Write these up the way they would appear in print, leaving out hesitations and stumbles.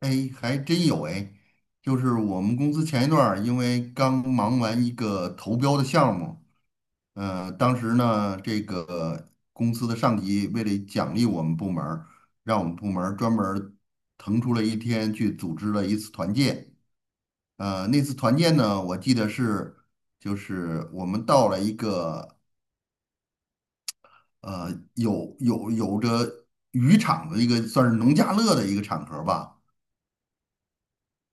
哎，还真有哎，就是我们公司前一段儿因为刚忙完一个投标的项目，当时呢，这个公司的上级为了奖励我们部门儿，让我们部门儿专门儿腾出了一天去组织了一次团建。那次团建呢，我记得是就是我们到了一个有着渔场的一个算是农家乐的一个场合吧。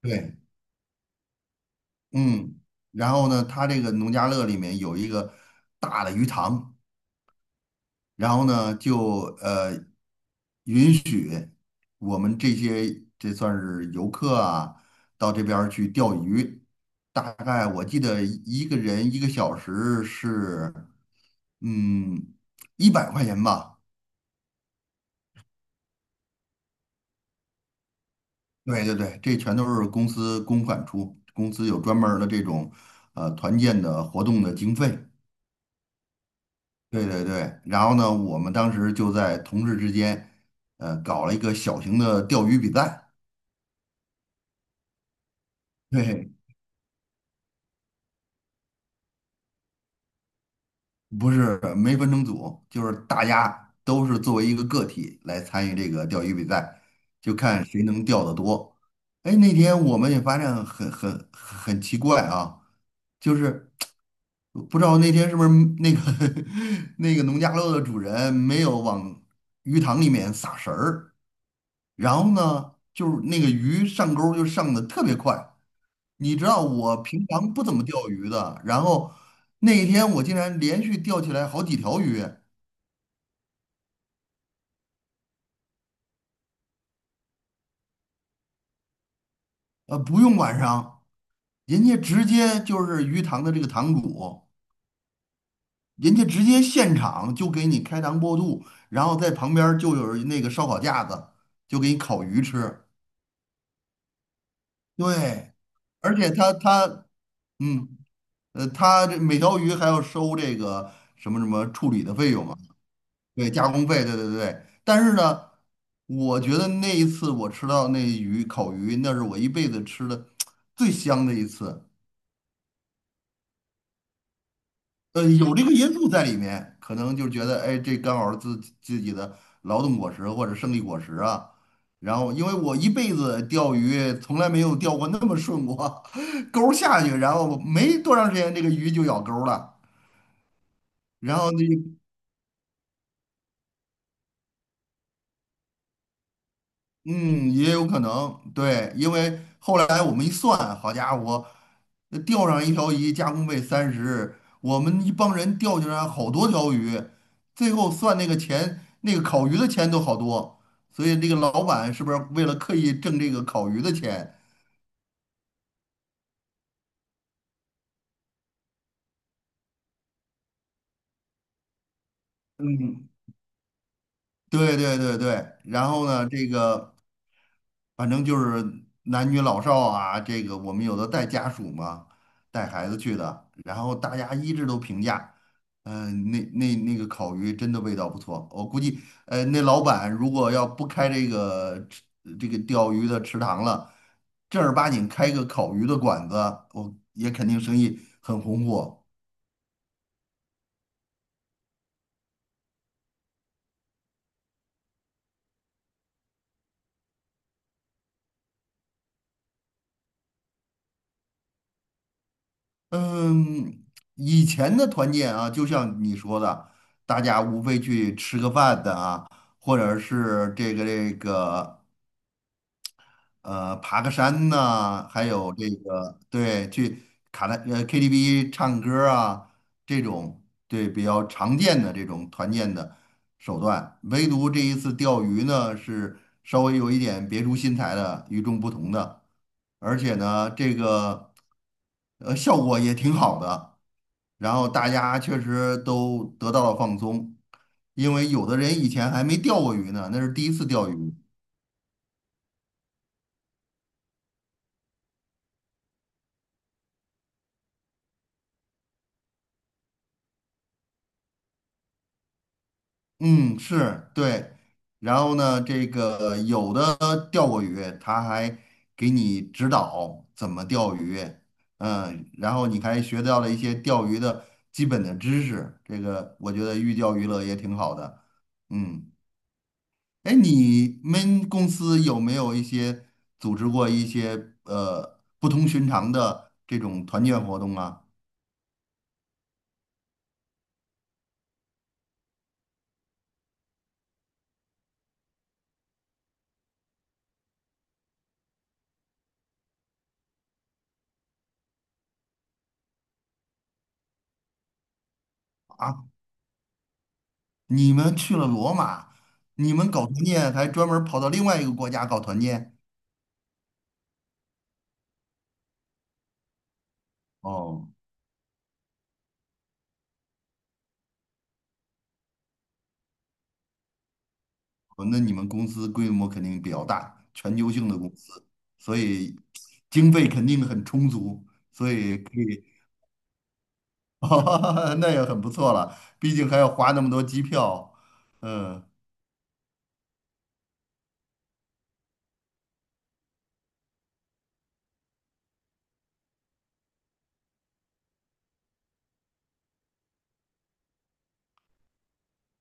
对，嗯，然后呢，他这个农家乐里面有一个大的鱼塘，然后呢，就允许我们这些算是游客啊，到这边儿去钓鱼。大概我记得一个人一个小时是嗯100块钱吧。对对对，这全都是公司公款出，公司有专门儿的这种团建的活动的经费。对对对，然后呢，我们当时就在同事之间，搞了一个小型的钓鱼比赛。对，不是没分成组，就是大家都是作为一个个体来参与这个钓鱼比赛，就看谁能钓得多。哎，那天我们也发现很奇怪啊，就是不知道那天是不是那个 那个农家乐的主人没有往鱼塘里面撒食儿。然后呢，就是那个鱼上钩儿就上的特别快。你知道我平常不怎么钓鱼的，然后那一天我竟然连续钓起来好几条鱼，不用晚上，人家直接就是鱼塘的这个塘主，人家直接现场就给你开膛破肚，然后在旁边儿就有那个烧烤架子，就给你烤鱼吃。对，而且他嗯。他这每条鱼还要收这个什么什么处理的费用啊。对，加工费，对对对。但是呢，我觉得那一次我吃到那鱼烤鱼，那是我一辈子吃的最香的一次。有这个因素在里面，可能就觉得，哎，这刚好是自己的劳动果实或者胜利果实啊。然后，因为我一辈子钓鱼从来没有钓过那么顺过，钩儿下去，然后没多长时间，这个鱼就咬钩儿了。然后呢。嗯，也有可能，对，因为后来我们一算，好家伙，钓上一条鱼，加工费30，我们一帮人钓起来好多条鱼，最后算那个钱，那个烤鱼的钱都好多，所以这个老板是不是为了刻意挣这个烤鱼的钱？嗯，对对对对，然后呢，这个。反正就是男女老少啊，这个我们有的带家属嘛，带孩子去的，然后大家一致都评价，嗯、那个烤鱼真的味道不错。我估计，那老板如果要不开这个吃这个钓鱼的池塘了，正儿八经开个烤鱼的馆子，我也肯定生意很红火。嗯，以前的团建啊，就像你说的，大家无非去吃个饭的啊，或者是这个爬个山呐、还有这个对，去卡拉KTV 唱歌啊，这种对比较常见的这种团建的手段。唯独这一次钓鱼呢，是稍微有一点别出心裁的，与众不同的，而且呢，这个效果也挺好的。然后大家确实都得到了放松，因为有的人以前还没钓过鱼呢，那是第一次钓鱼。嗯，是对。然后呢，这个有的钓过鱼，他还给你指导怎么钓鱼，嗯，然后你还学到了一些钓鱼的基本的知识。这个我觉得寓教于乐也挺好的。嗯，哎，你们公司有没有一些组织过一些不同寻常的这种团建活动啊？啊，你们去了罗马，你们搞团建还专门跑到另外一个国家搞团建？哦，哦那你们公司规模肯定比较大，全球性的公司，所以经费肯定很充足，所以可以，哦那也很不错了。毕竟还要花那么多机票。嗯，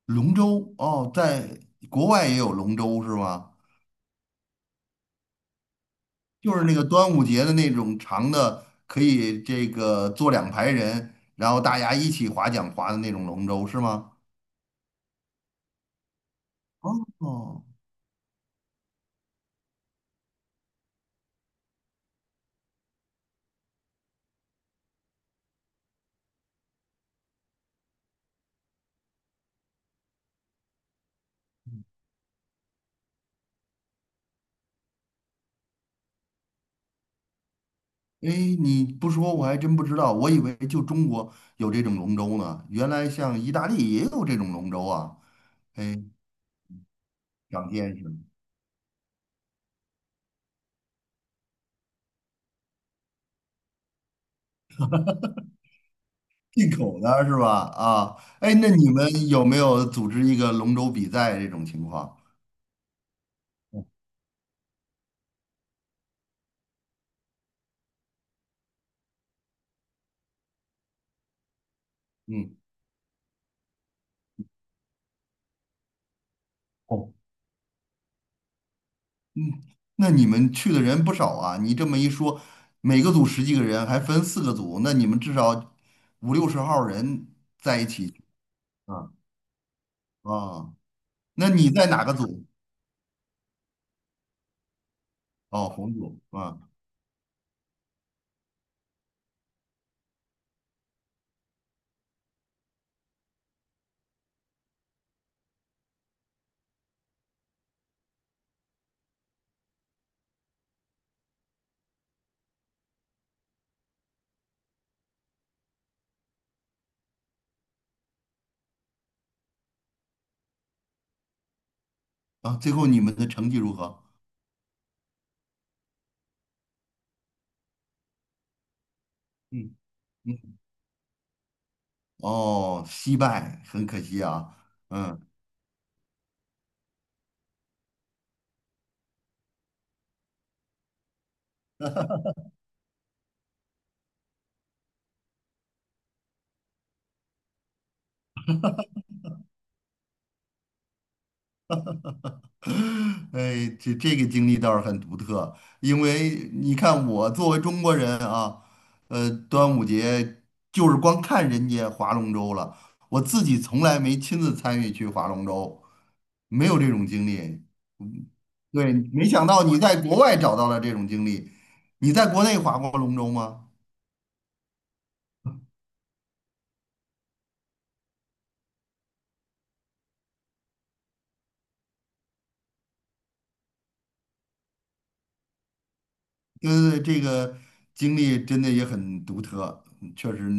龙舟哦，在国外也有龙舟是吗？就是那个端午节的那种长的，可以这个坐两排人，然后大家一起划桨划的那种龙舟是吗？哦，哎，你不说我还真不知道，我以为就中国有这种龙舟呢，原来像意大利也有这种龙舟啊。哎，长见识了，进口的是吧？啊，哎，那你们有没有组织一个龙舟比赛这种情况？嗯，哦，嗯，那你们去的人不少啊。你这么一说，每个组十几个人，还分四个组，那你们至少五六十号人在一起啊啊。那你在哪个组？哦，红组啊啊，最后你们的成绩如何？嗯嗯，哦，惜败，很可惜啊。嗯，哎，这这个经历倒是很独特，因为你看我作为中国人啊，端午节就是光看人家划龙舟了，我自己从来没亲自参与去划龙舟，没有这种经历。嗯对，没想到你在国外找到了这种经历，你在国内划过龙舟吗？对对，这个经历真的也很独特，嗯确实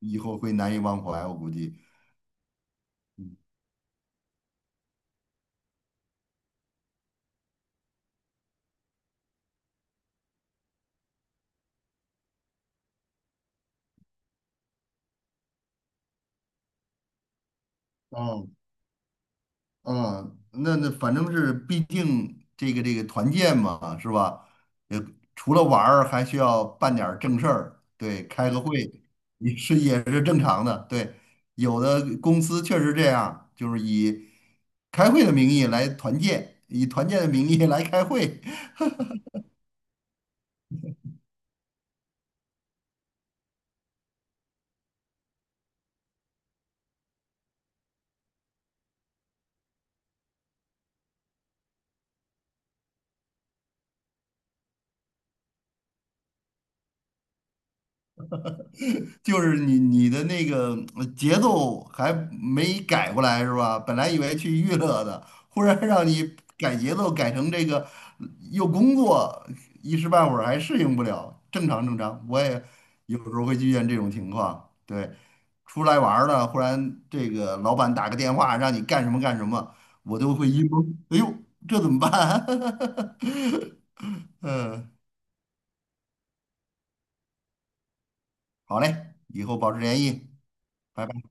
以后会难以忘怀，我估计。哦，嗯，那反正是，毕竟这个团建嘛，是吧？也除了玩儿，还需要办点儿正事儿，对，开个会也是也是正常的，对。有的公司确实这样，就是以开会的名义来团建，以团建的名义来开会，就是你的那个节奏还没改过来是吧？本来以为去娱乐的，忽然让你改节奏，改成这个又工作，一时半会儿还适应不了。正常正常，我也有时候会遇见这种情况。对，出来玩儿了，忽然这个老板打个电话让你干什么干什么，我都会一懵，哎呦，这怎么办？嗯，好嘞，以后保持联系，拜拜。